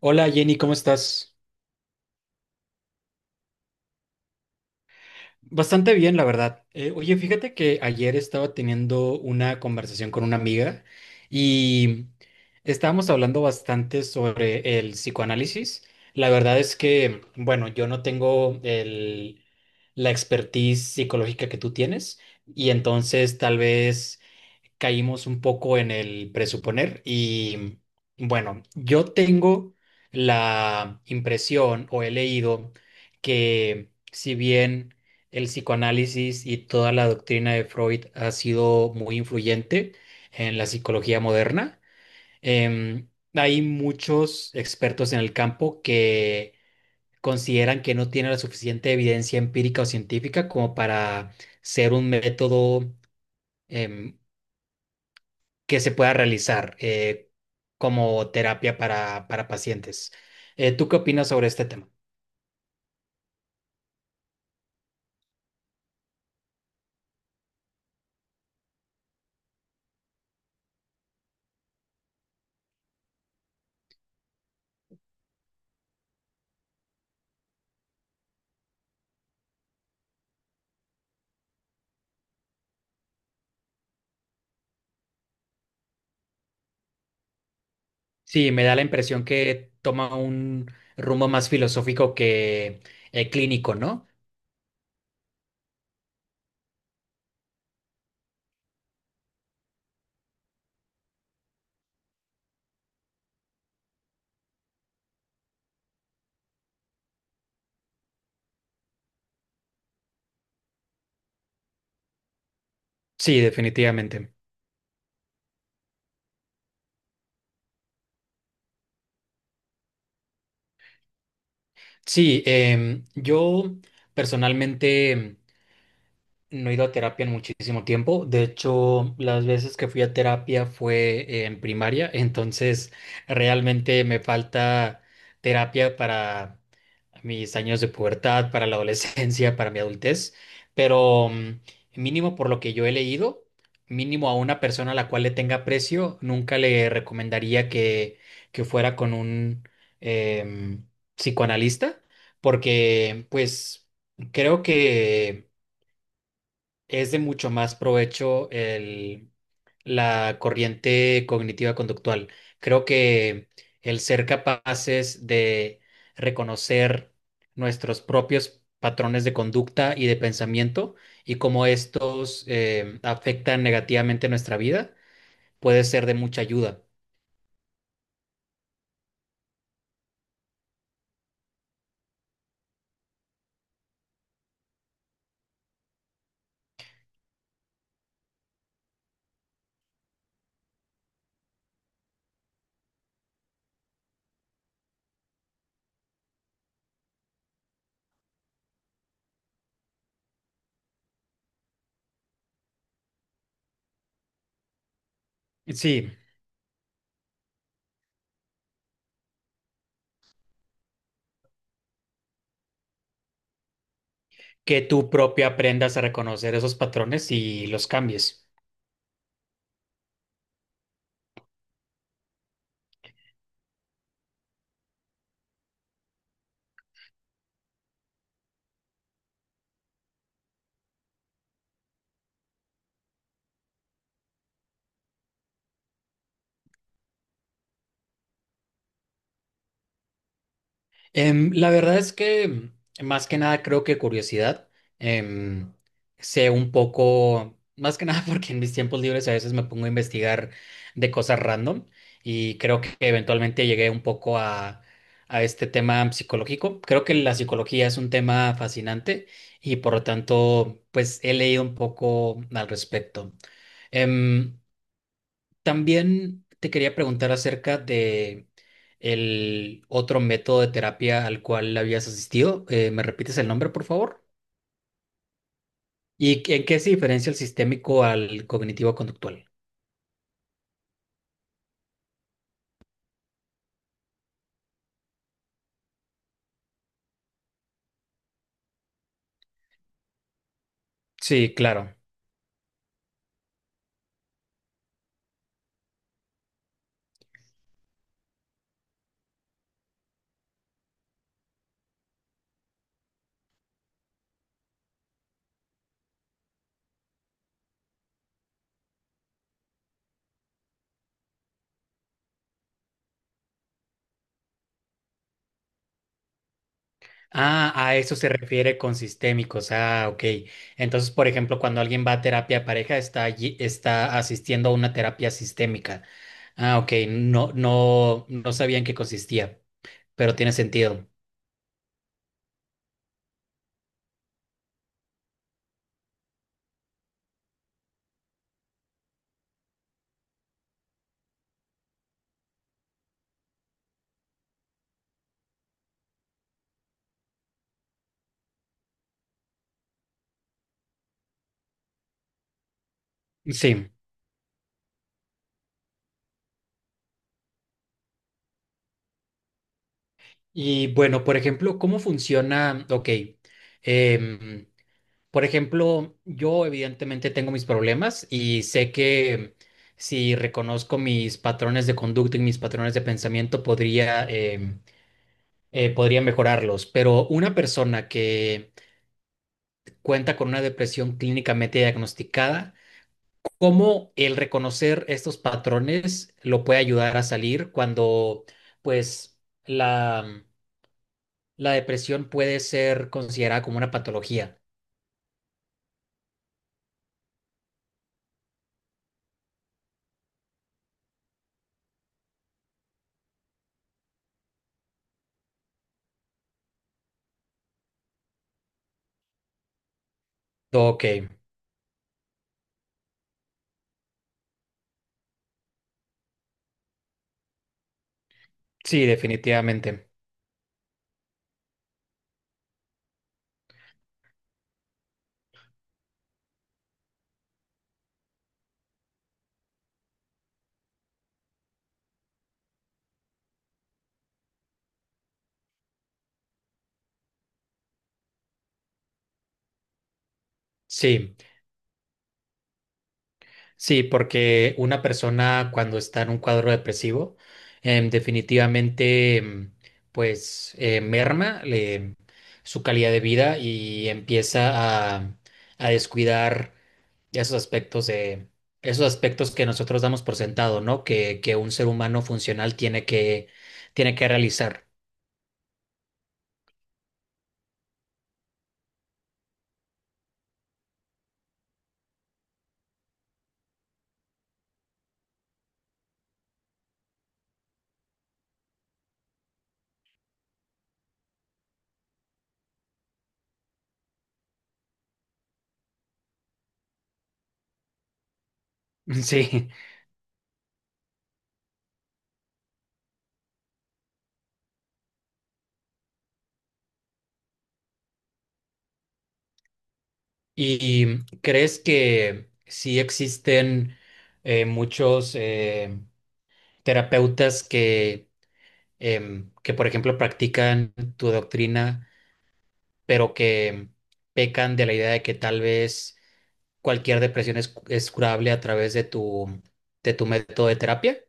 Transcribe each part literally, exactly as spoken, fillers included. Hola Jenny, ¿cómo estás? Bastante bien, la verdad. Eh, oye, fíjate que ayer estaba teniendo una conversación con una amiga y estábamos hablando bastante sobre el psicoanálisis. La verdad es que, bueno, yo no tengo el, la expertise psicológica que tú tienes, y entonces tal vez caímos un poco en el presuponer. Y bueno, yo tengo la impresión, o he leído, que si bien el psicoanálisis y toda la doctrina de Freud ha sido muy influyente en la psicología moderna, em, hay muchos expertos en el campo que consideran que no tiene la suficiente evidencia empírica o científica como para ser un método em, que se pueda realizar eh, como terapia para, para pacientes. Eh, ¿tú qué opinas sobre este tema? Sí, me da la impresión que toma un rumbo más filosófico que eh, clínico, ¿no? Sí, definitivamente. Sí, em, yo personalmente... No he ido a terapia en muchísimo tiempo. De hecho, las veces que fui a terapia fue eh, en primaria. Entonces realmente me falta terapia para mis años de pubertad, para la adolescencia, para mi adultez, pero mm, mínimo por lo que yo he leído, mínimo a una persona a la cual le tenga precio, nunca le recomendaría que, que fuera con un em, psicoanalista, porque pues creo que es de mucho más provecho el, la corriente cognitiva conductual. Creo que el ser capaces de reconocer nuestros propios patrones de conducta y de pensamiento, y cómo estos eh, afectan negativamente nuestra vida, puede ser de mucha ayuda. Sí, que tú propia aprendas a reconocer esos patrones y los cambies. Em, la verdad es que más que nada creo que curiosidad. em, sé un poco, más que nada porque en mis tiempos libres a veces me pongo a investigar de cosas random, y creo que eventualmente llegué un poco a, a este tema psicológico. Creo que la psicología es un tema fascinante, y por lo tanto pues he leído un poco al respecto. Em, también te quería preguntar acerca de el otro método de terapia al cual habías asistido. Eh, ¿me repites el nombre, por favor? ¿Y en qué se diferencia el sistémico al cognitivo conductual? Sí, claro. Ah, a eso se refiere con sistémicos. Ah, ok. Entonces, por ejemplo, cuando alguien va a terapia de pareja, está allí, está asistiendo a una terapia sistémica. Ah, ok. No, no, no sabía en qué consistía, pero tiene sentido. Sí. Y bueno, por ejemplo, ¿cómo funciona? Ok, em, por ejemplo, yo evidentemente tengo mis problemas, y sé que si reconozco mis patrones de conducta y mis patrones de pensamiento, podría, em, eh, podría mejorarlos. Pero una persona que cuenta con una depresión clínicamente diagnosticada, ¿cómo el reconocer estos patrones lo puede ayudar a salir cuando, pues, la la depresión puede ser considerada como una patología? Ok, sí, definitivamente. Sí, sí, porque una persona cuando está en un cuadro depresivo, em, definitivamente, em, pues, eh, merma le- su calidad de vida, y empieza a, a descuidar esos aspectos de, esos aspectos que nosotros damos por sentado, ¿no? Que, que un ser humano funcional tiene que, tiene que realizar. Sí. ¿Y crees que sí existen eh, muchos eh, terapeutas que, em, que, por ejemplo, practican tu doctrina, pero que pecan de la idea de que tal vez cualquier depresión es, es curable a través de tu, de tu método de terapia?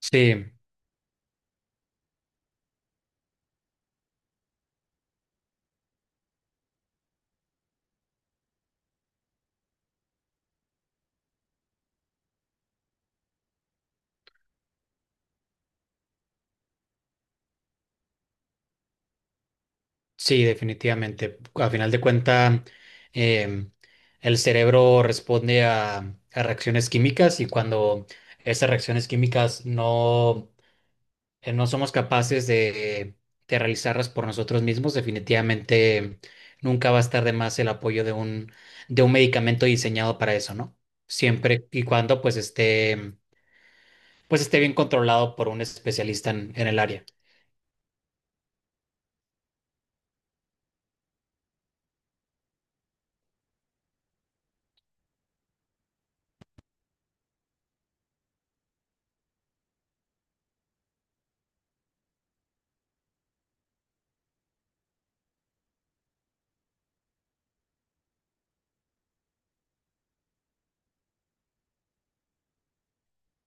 Sí, sí, definitivamente. A final de cuentas, el cerebro responde a, a reacciones químicas, y cuando esas reacciones químicas no... eh, no somos capaces de, de realizarlas por nosotros mismos, definitivamente nunca va a estar de más el apoyo de un, de un medicamento diseñado para eso, ¿no? Siempre y cuando pues esté, pues esté bien controlado por un especialista en, en el área.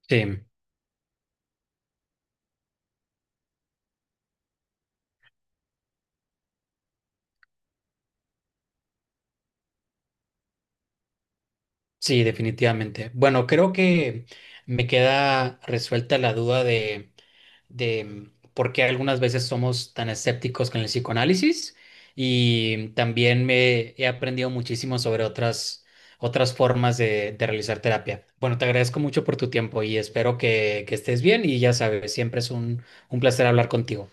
Sí, sí, definitivamente. Bueno, creo que me queda resuelta la duda de de mm, por qué algunas veces somos tan escépticos con el psicoanálisis, y también me he aprendido muchísimo sobre otras, otras formas de, de realizar terapia. Bueno, te agradezco mucho por tu tiempo y espero que, que estés bien, y ya sabes, siempre es un, un placer hablar contigo.